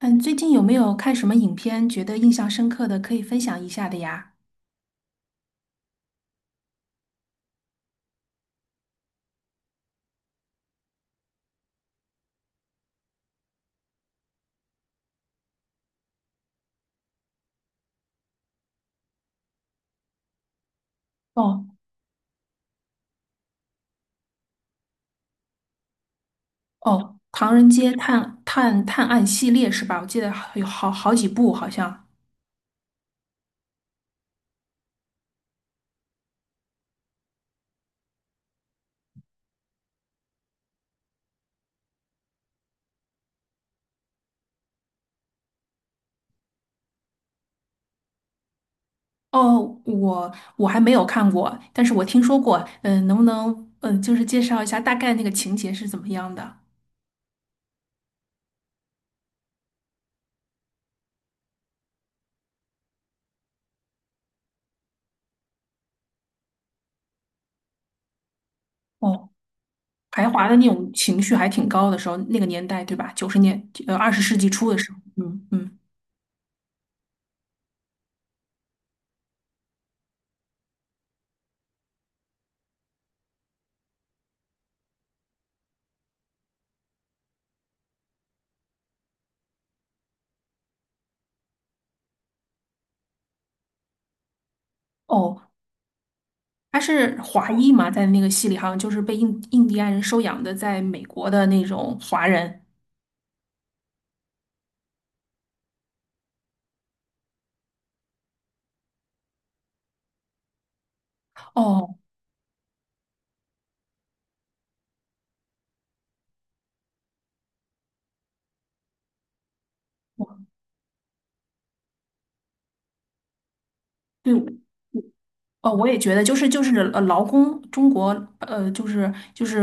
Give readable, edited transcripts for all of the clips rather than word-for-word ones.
嗯，最近有没有看什么影片觉得印象深刻的，可以分享一下的呀？哦哦，《唐人街探探探案》系列是吧？我记得好有好几部，好像。哦，我还没有看过，但是我听说过。嗯，能不能就是介绍一下大概那个情节是怎么样的？哦，排华的那种情绪还挺高的时候，那个年代对吧？九十年呃二十世纪初的时候，嗯嗯。哦，他是华裔嘛，在那个戏里好像就是被印第安人收养的，在美国的那种华人。哦，我对，哦，我也觉得，劳工，中国呃，就是就是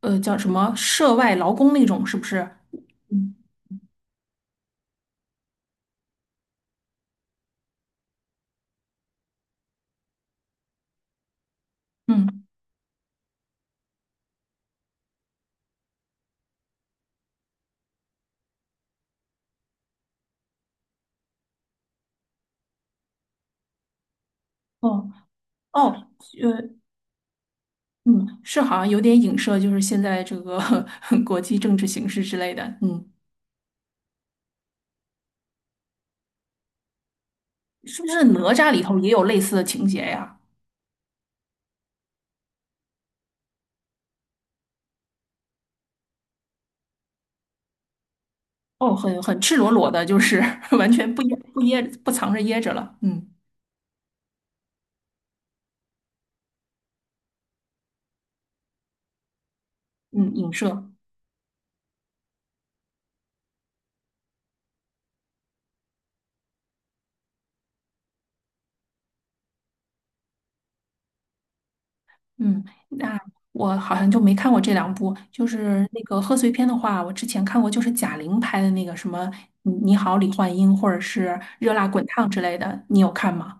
叫什么涉外劳工那种，是不是？嗯嗯，哦哦，呃嗯，是好像有点影射，就是现在这个 国际政治形势之类的。嗯，是不是哪吒里头也有类似的情节呀？哦，很很赤裸裸的，就是 完全不藏着掖着了。嗯嗯，影射。嗯，那我好像就没看过这两部。就是那个贺岁片的话，我之前看过，就是贾玲拍的那个什么《你你好李焕英》或者是《热辣滚烫》之类的，你有看吗？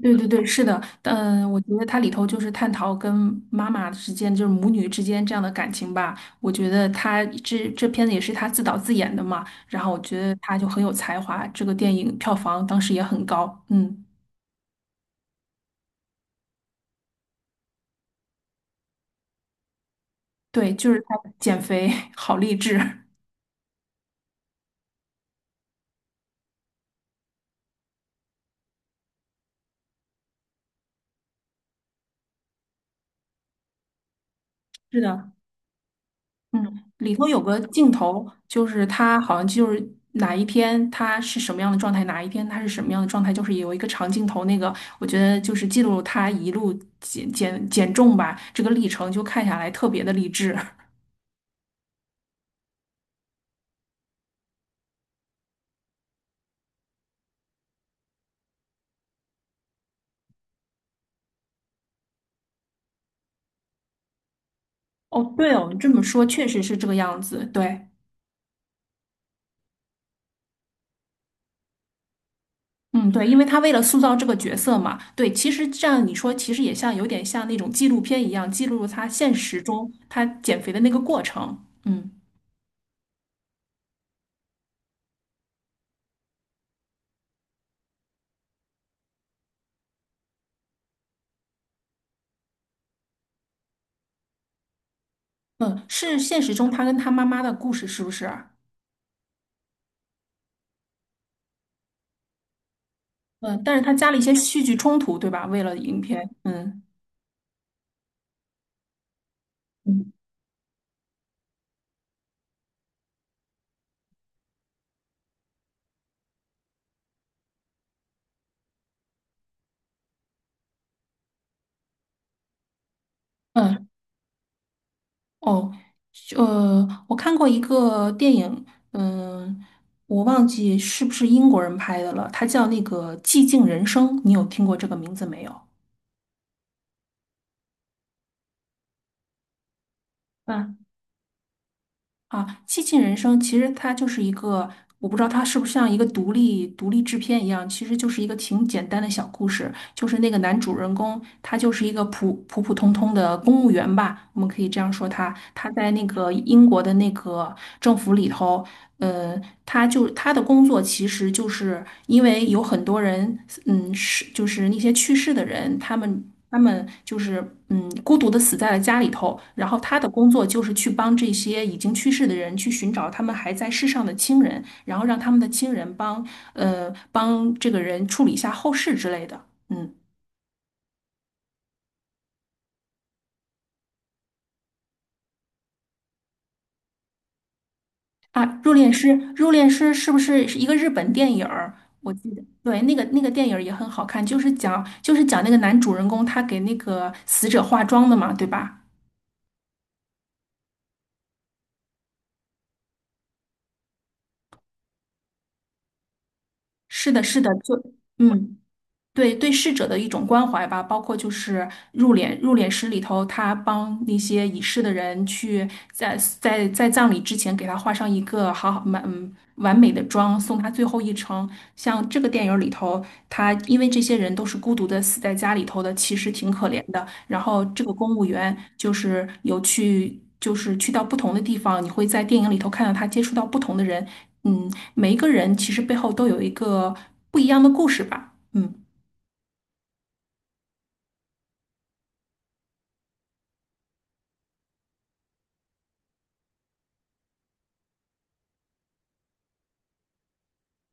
对对对，是的，嗯，我觉得它里头就是探讨跟妈妈之间，就是母女之间这样的感情吧。我觉得他这这片子也是他自导自演的嘛，然后我觉得他就很有才华，这个电影票房当时也很高。嗯，对，就是他减肥 好励志。是的，嗯，里头有个镜头，就是他好像就是哪一天他是什么样的状态，哪一天他是什么样的状态，就是有一个长镜头，那个我觉得就是记录他一路减重吧，这个历程就看下来特别的励志。哦，对哦，你这么说确实是这个样子，对。嗯，对，因为他为了塑造这个角色嘛，对，其实这样你说，其实也像有点像那种纪录片一样，记录他现实中他减肥的那个过程。嗯嗯，是现实中他跟他妈妈的故事，是不是啊？嗯，但是他加了一些戏剧冲突，对吧？为了影片，嗯嗯嗯，哦，我看过一个电影，嗯，我忘记是不是英国人拍的了，它叫那个《寂静人生》，你有听过这个名字没有？啊？啊，《寂静人生》其实它就是一个，我不知道它是不是像一个独立制片一样，其实就是一个挺简单的小故事。就是那个男主人公，他就是一个普普通通的公务员吧，我们可以这样说他。他在那个英国的那个政府里头，呃，他的工作其实就是因为有很多人，嗯，是就是那些去世的人，他们他们就是嗯，孤独的死在了家里头。然后他的工作就是去帮这些已经去世的人去寻找他们还在世上的亲人，然后让他们的亲人帮帮这个人处理一下后事之类的。嗯啊，《入殓师》《入殓师》是不是一个日本电影儿？我记得对，那个电影儿也很好看，就是讲那个男主人公他给那个死者化妆的嘛，对吧？是的，是的，就嗯。对，对逝者的一种关怀吧，包括就是入殓师里头，他帮那些已逝的人去在葬礼之前给他画上一个好好满嗯完美的妆，送他最后一程。像这个电影里头，他因为这些人都是孤独的死在家里头的，其实挺可怜的。然后这个公务员就是去到不同的地方，你会在电影里头看到他接触到不同的人，嗯，每一个人其实背后都有一个不一样的故事吧，嗯。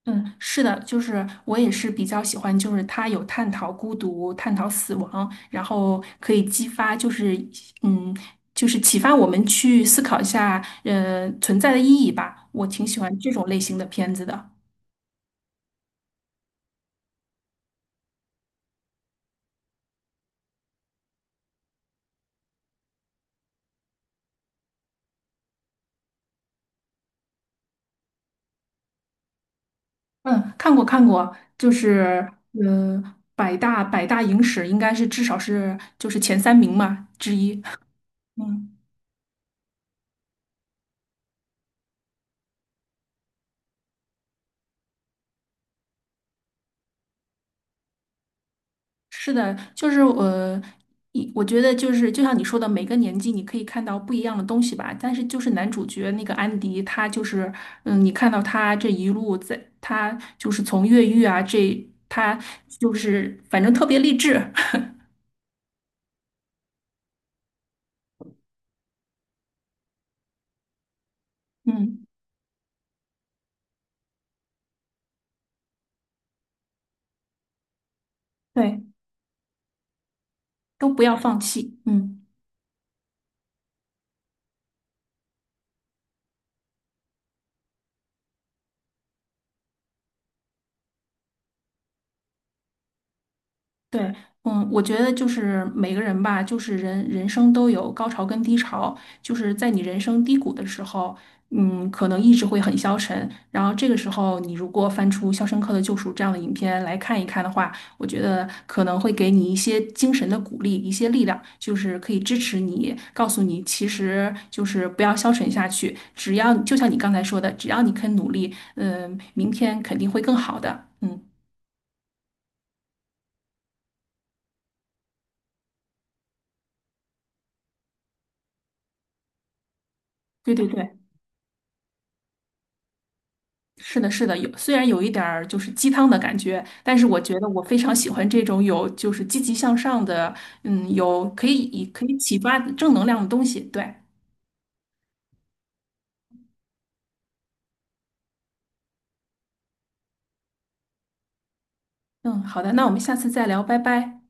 嗯，是的，就是我也是比较喜欢，就是它有探讨孤独、探讨死亡，然后可以激发，嗯，就是启发我们去思考一下，存在的意义吧。我挺喜欢这种类型的片子的。嗯，看过看过，就是呃，百大影史应该是至少是前三名嘛之一。嗯。是的，就是呃，我觉得就是就像你说的，每个年纪你可以看到不一样的东西吧。但是就是男主角那个安迪，他就是嗯，你看到他这一路在，他就是从越狱啊，这他就是反正特别励志，嗯，对，都不要放弃，嗯。对，嗯，我觉得就是每个人吧，就是人生都有高潮跟低潮，就是在你人生低谷的时候，嗯，可能意志会很消沉，然后这个时候你如果翻出《肖申克的救赎》这样的影片来看一看的话，我觉得可能会给你一些精神的鼓励，一些力量，就是可以支持你，告诉你其实就是不要消沉下去，只要就像你刚才说的，只要你肯努力，嗯，明天肯定会更好的，嗯，对对对。是的，是的，有，虽然有一点儿就是鸡汤的感觉，但是我觉得我非常喜欢这种有就是积极向上的，嗯，有可以启发正能量的东西。对，嗯，好的，那我们下次再聊，拜拜。